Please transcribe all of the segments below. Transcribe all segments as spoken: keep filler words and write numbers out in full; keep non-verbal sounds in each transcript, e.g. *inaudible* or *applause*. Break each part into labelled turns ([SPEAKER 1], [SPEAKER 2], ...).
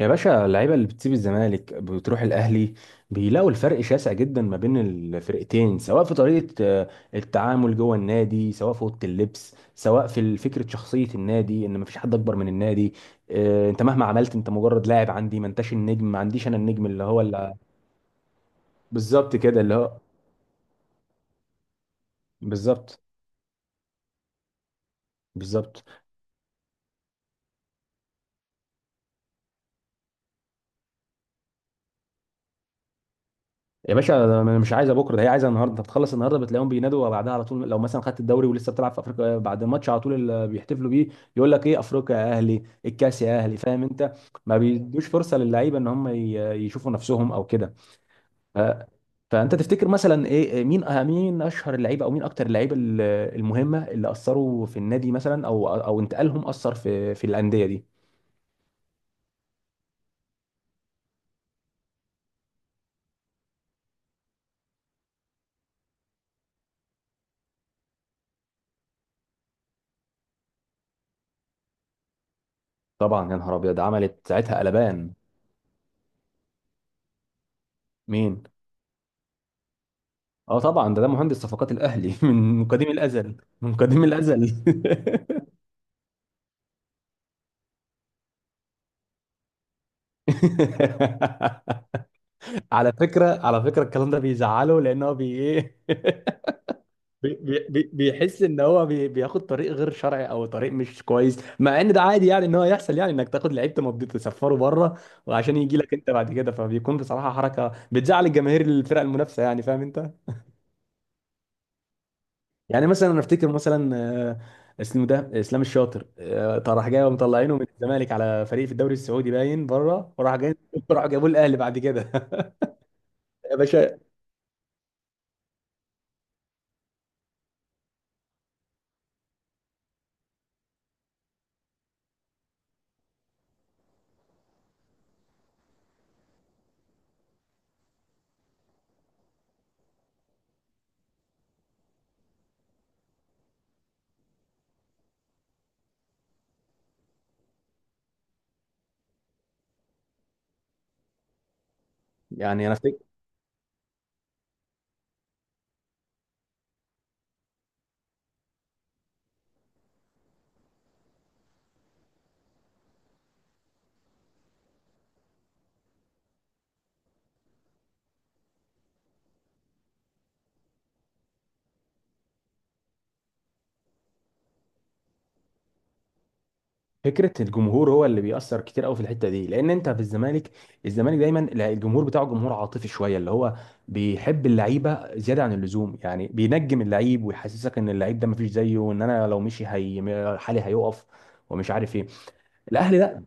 [SPEAKER 1] يا باشا، اللعيبه اللي بتسيب الزمالك بتروح الاهلي بيلاقوا الفرق شاسع جدا ما بين الفرقتين، سواء في طريقه آه، التعامل جوه النادي، سواء في اوضه اللبس، سواء في ال- فكره شخصيه النادي ان مفيش حد اكبر من النادي. آه، انت مهما عملت، انت مجرد لاعب عندي، ما انتش النجم، ما عنديش انا النجم اللي هو اللي. بالظبط كده اللي هو. بالظبط. بالظبط. يا باشا، ده انا مش عايزه بكره، ده هي عايزه النهارده. انت بتخلص النهارده بتلاقيهم بينادوا بعدها على طول. لو مثلا خدت الدوري ولسه بتلعب في افريقيا، بعد الماتش على طول اللي بيحتفلوا بيه يقول لك ايه: افريقيا يا اهلي، الكاس يا اهلي، فاهم انت. ما بيدوش فرصه للعيبه ان هم ي- يشوفوا نفسهم او كده. ف- فانت تفتكر مثلا ايه، مين، أه- مين اشهر اللعيبه، او مين اكتر اللعيبه ال- المهمه اللي اثروا في النادي مثلا، او او انتقالهم اثر في في الانديه دي؟ طبعا يا نهار ابيض، عملت ساعتها قلبان. مين؟ اه طبعا، ده ده مهندس صفقات الاهلي *laughs* من قديم الازل. من قديم الازل *laughs* على فكره، على فكره، الكلام ده بيزعله لان هو بي ايه *laughs* بي بي بي- بيحس ان هو بي بياخد طريق غير شرعي او طريق مش كويس، مع ان ده عادي يعني ان هو يحصل، يعني انك تاخد لعيب تمضي تسفره بره وعشان يجي لك انت بعد كده، فبيكون بصراحه حركه بتزعل الجماهير الفرق المنافسه، يعني فاهم انت. يعني مثلا انا افتكر مثلا آه، اسمه ده اسلام الشاطر. آه، طب راح جاي ومطلعينه من الزمالك على فريق في الدوري السعودي باين بره، وراح جاي *laughs* راح جابوه الاهلي بعد كده. *laughs* يا باشا. يعني انا افتكر فكره الجمهور هو اللي بيأثر كتير قوي في الحته دي، لان انت في الزمالك، الزمالك دايما، لا، الجمهور بتاعه جمهور عاطفي شويه، اللي هو بيحب اللعيبه زياده عن اللزوم، يعني بينجم اللعيب ويحسسك ان اللعيب ده مفيش زيه وان انا لو مشي هي حالي هيقف، ومش عارف ايه. الاهلي،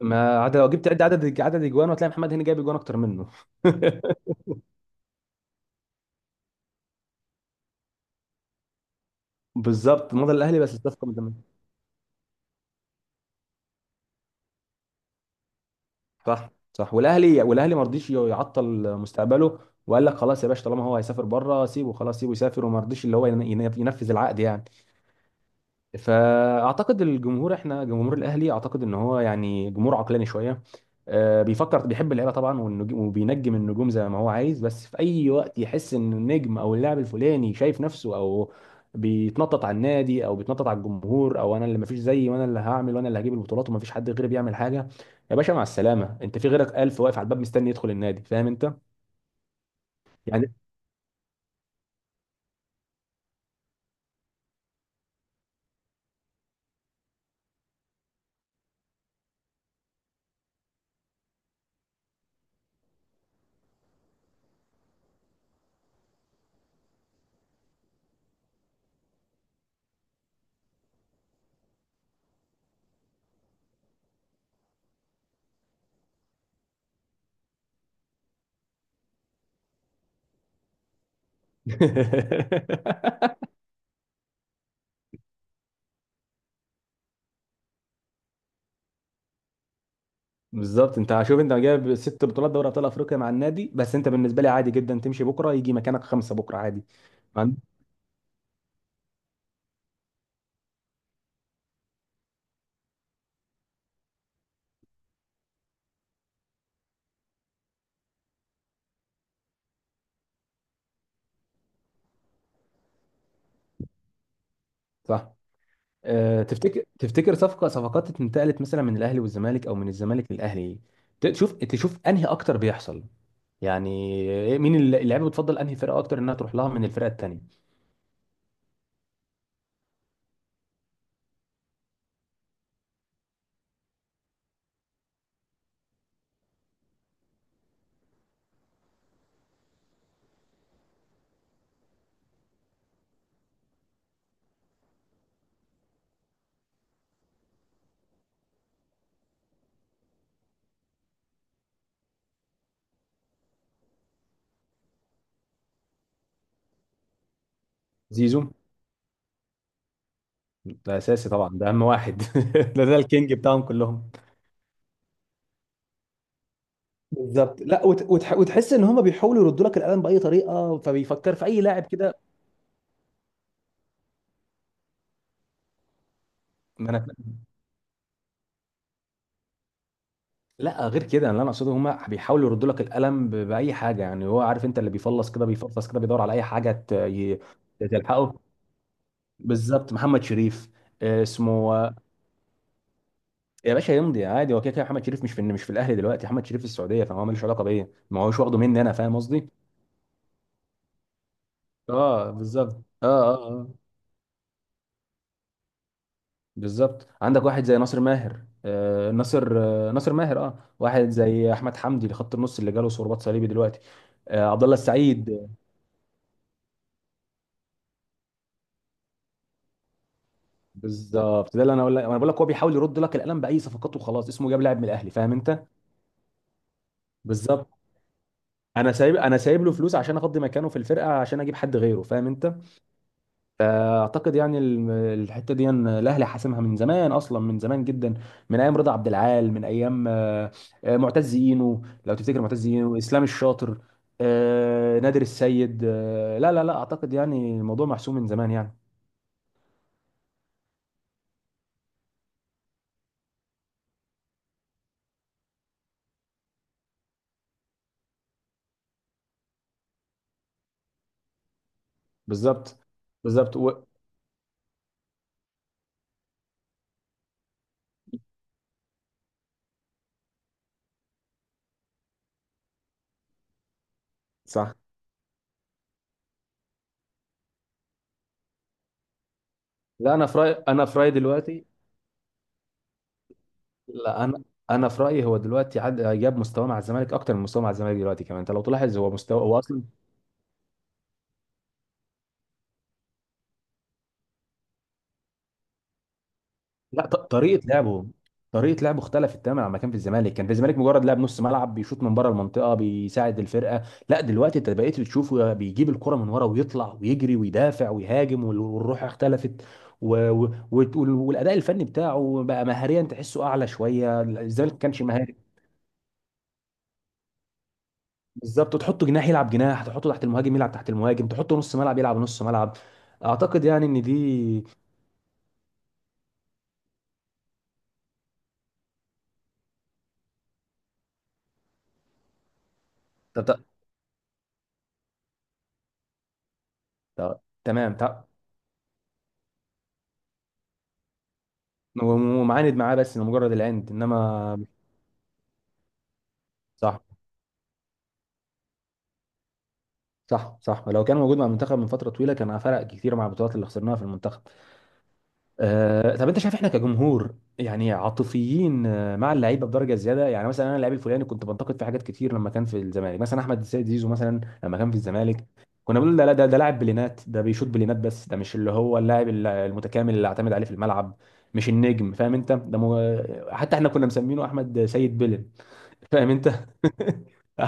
[SPEAKER 1] ما عدا لو جبت عد عدد عدد اجوان، هتلاقي محمد هاني جايب اجوان اكتر منه. *laughs* بالظبط، مضى الاهلي بس الصفقه من زمان. صح، صح، والاهلي والاهلي ما رضيش يعطل مستقبله، وقال لك خلاص يا باشا، طالما هو هيسافر بره سيبه، خلاص سيبه يسافر، وما رضيش اللي هو ين- ينفذ العقد يعني. فاعتقد الجمهور، احنا جمهور الاهلي، اعتقد ان هو يعني جمهور عقلاني شويه، آه، بيفكر، بيحب اللعيبه طبعا، والنجو- وبينجم النجوم زي ما هو عايز، بس في اي وقت يحس ان النجم او اللاعب الفلاني شايف نفسه، او بيتنطط على النادي، او بيتنطط على الجمهور، او انا اللي مفيش زيي وانا اللي هعمل وانا اللي هجيب البطولات ومفيش حد غيري بيعمل حاجه، يا باشا مع السلامه، انت في غيرك الف واقف على الباب مستني يدخل النادي، فاهم انت يعني. *laughs* بالظبط، انت شوف، انت جايب ست بطولات دوري ابطال افريقيا مع النادي، بس انت بالنسبه لي عادي جدا تمشي بكره يجي مكانك خمسه بكره عادي. ما عند- صح. اه، تفتكر تفتكر صفقه صفقات انتقلت مثلا من الاهلي والزمالك، او من الزمالك للاهلي، ت- تشوف تشوف انهي اكتر بيحصل يعني؟ إيه، مين الل- اللعيبه؟ بتفضل انهي فرقه اكتر، انها تروح لها من الفرقه التانيه؟ زيزو. ده اساسي طبعا، ده اهم واحد *laughs* ده ده الكينج بتاعهم كلهم. بالظبط. لا، وت... وتح... وتحس ان هم بيحاولوا يردوا لك القلم باي طريقه، فبيفكر في اي لاعب كده. ما انا. لا، غير كده يعني، اللي انا اقصده هما بيحاولوا يردوا لك القلم ب- باي حاجه، يعني هو عارف انت اللي بيفلص كده بيفلص كده، بيدور على اي حاجه ت- ي- تلحقه. بالظبط، محمد شريف. آه، اسمه، آه، يا باشا يمضي عادي، هو كده كده محمد شريف مش في مش في الاهلي دلوقتي، محمد شريف في السعوديه، فهو ملوش علاقه بيا، ما هوش واخده مني انا، فاهم قصدي؟ اه، بالظبط. اه، اه، اه. بالظبط، عندك واحد زي ناصر ماهر، آه ناصر آه ناصر ماهر اه، واحد زي احمد حمدي اللي خط النص اللي جاله صليبي دلوقتي، آه عبد الله السعيد. بالظبط، ده اللي انا اقول لك انا بقول لك، هو بيحاول يرد لك القلم باي صفقات وخلاص، اسمه جاب لاعب من الاهلي، فاهم انت. بالظبط، انا سايب انا سايب له فلوس عشان افضي مكانه في الفرقه عشان اجيب حد غيره، فاهم انت. فاعتقد يعني الم- الحته دي إن الاهلي حاسمها من زمان اصلا، من زمان جدا، من ايام رضا عبد العال، من ايام آه، آه، معتز اينو، لو تفتكر، معتز اينو، اسلام الشاطر، آه، نادر السيد، آه، لا، لا، لا، اعتقد يعني الموضوع محسوم من زمان يعني. بالظبط. بالظبط و... صح. لا، انا في رايي، انا في رايي دلوقتي، لا، انا انا في رايي هو دلوقتي عد... جاب مستواه مع الزمالك اكتر من مستواه مع الزمالك دلوقتي، كمان انت لو تلاحظ هو مستوى هو اصلا. لا، ط... طريقه لعبه، طريقه لعبه اختلفت تماما عما كان في الزمالك، كان في الزمالك مجرد لاعب نص ملعب بيشوط من بره المنطقه بيساعد الفرقه. لا، دلوقتي انت بقيت بتشوفه بيجيب الكره من ورا ويطلع ويجري ويدافع ويهاجم، وال- والروح اختلفت، و... و... وال- والاداء الفني بتاعه بقى مهاريا، تحسه اعلى شويه، الزمالك ما كانش مهاري. بالظبط، تحطه جناح يلعب جناح، تحطه تحت المهاجم يلعب تحت المهاجم، تحطه نص ملعب يلعب نص ملعب، اعتقد يعني ان دي. ت- ت- ت- تمام. ت- ومعاند معاه بس لمجرد العند، انما صح. صح، صح، لو كان موجود مع المنتخب من فتره طويله، كان فرق كتير مع البطولات اللي خسرناها في المنتخب. آه، طب انت شايف احنا كجمهور يعني عاطفيين آه، مع اللعيبه بدرجه زياده يعني؟ مثلا انا اللعيب الفلاني كنت بنتقد فيه حاجات كتير لما كان في الزمالك، مثلا احمد السيد زيزو مثلا، لما كان في الزمالك كنا بنقول ده، لا، ده ده لاعب بلينات، ده بيشوط بلينات بس، ده مش اللي هو اللاعب ال- المتكامل اللي اعتمد عليه في الملعب، مش النجم، فاهم انت؟ ده مو... حتى احنا كنا مسمينه احمد سيد بلن، فاهم انت؟ *laughs* ف-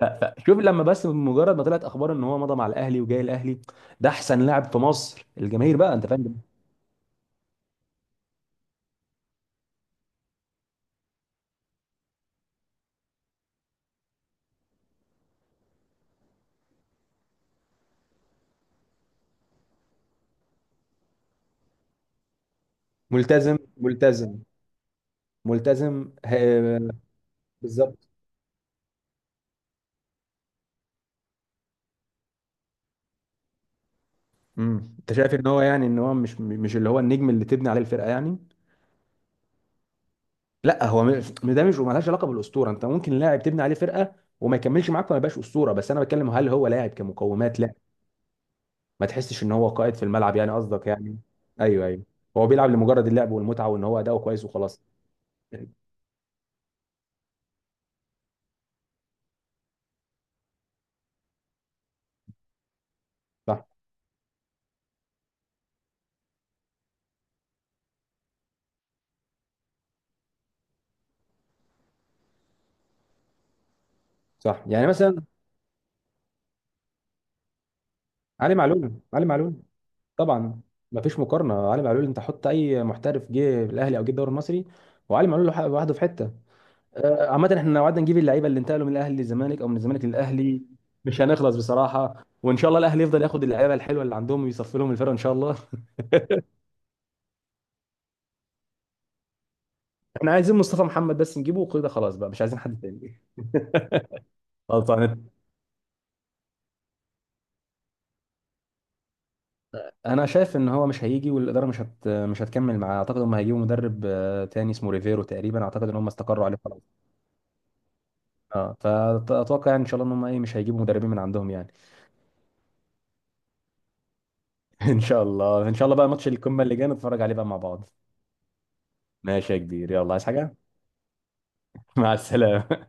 [SPEAKER 1] ف- شوف، لما بس مجرد ما طلعت اخبار ان هو مضى مع الاهلي وجاي الاهلي، ده احسن لاعب في مصر الجماهير بقى، انت فاهم. ملتزم، ملتزم، ملتزم. ه- بالظبط. امم انت شايف ان هو يعني، ان هو مش، مش اللي هو النجم اللي تبني عليه الفرقه يعني؟ لا هو م- ده مش مالهاش علاقه بالاسطوره، انت ممكن لاعب تبني عليه فرقه وما يكملش معاك وما يبقاش اسطوره، بس انا بتكلم هل هو لاعب كمقومات؟ لا. ما تحسش ان هو قائد في الملعب يعني، قصدك يعني؟ ايوه، ايوه، هو بيلعب لمجرد اللعب والمتعه وان هو اداؤه كويس وخلاص. صح، صح، يعني مثلا علي معلول، علي معلول، طبعا مفيش مقارنه. علي معلول، انت حط اي محترف جه الاهلي او جه الدوري المصري، وعلي معلول لوحده، لوحده في حته. آه، عامه احنا لو قعدنا نجيب اللعيبه اللي انتقلوا من الاهلي للزمالك او من الزمالك للاهلي مش هنخلص بصراحه، وان شاء الله الاهلي يفضل ياخد اللعيبه الحلوه اللي عندهم ويصفي لهم الفرقه ان شاء الله. *laughs* احنا عايزين مصطفى محمد بس نجيبه وكده خلاص بقى، مش عايزين حد تاني. غلطان. انا شايف ان هو مش هيجي، والاداره مش هت... مش هتكمل معاه، اعتقد هم هيجيبوا مدرب آه، تاني اسمه ريفيرو تقريبا، اعتقد ان هم استقروا عليه خلاص. اه، فاتوقع يعني ان شاء الله ان هم ايه مش هيجيبوا مدربين من عندهم يعني. ان شاء الله، ان شاء الله بقى ماتش القمه اللي جاي نتفرج عليه بقى مع بعض. ماشي يا كبير، يلا، عايز حاجه؟ *laughs* مع السلامه.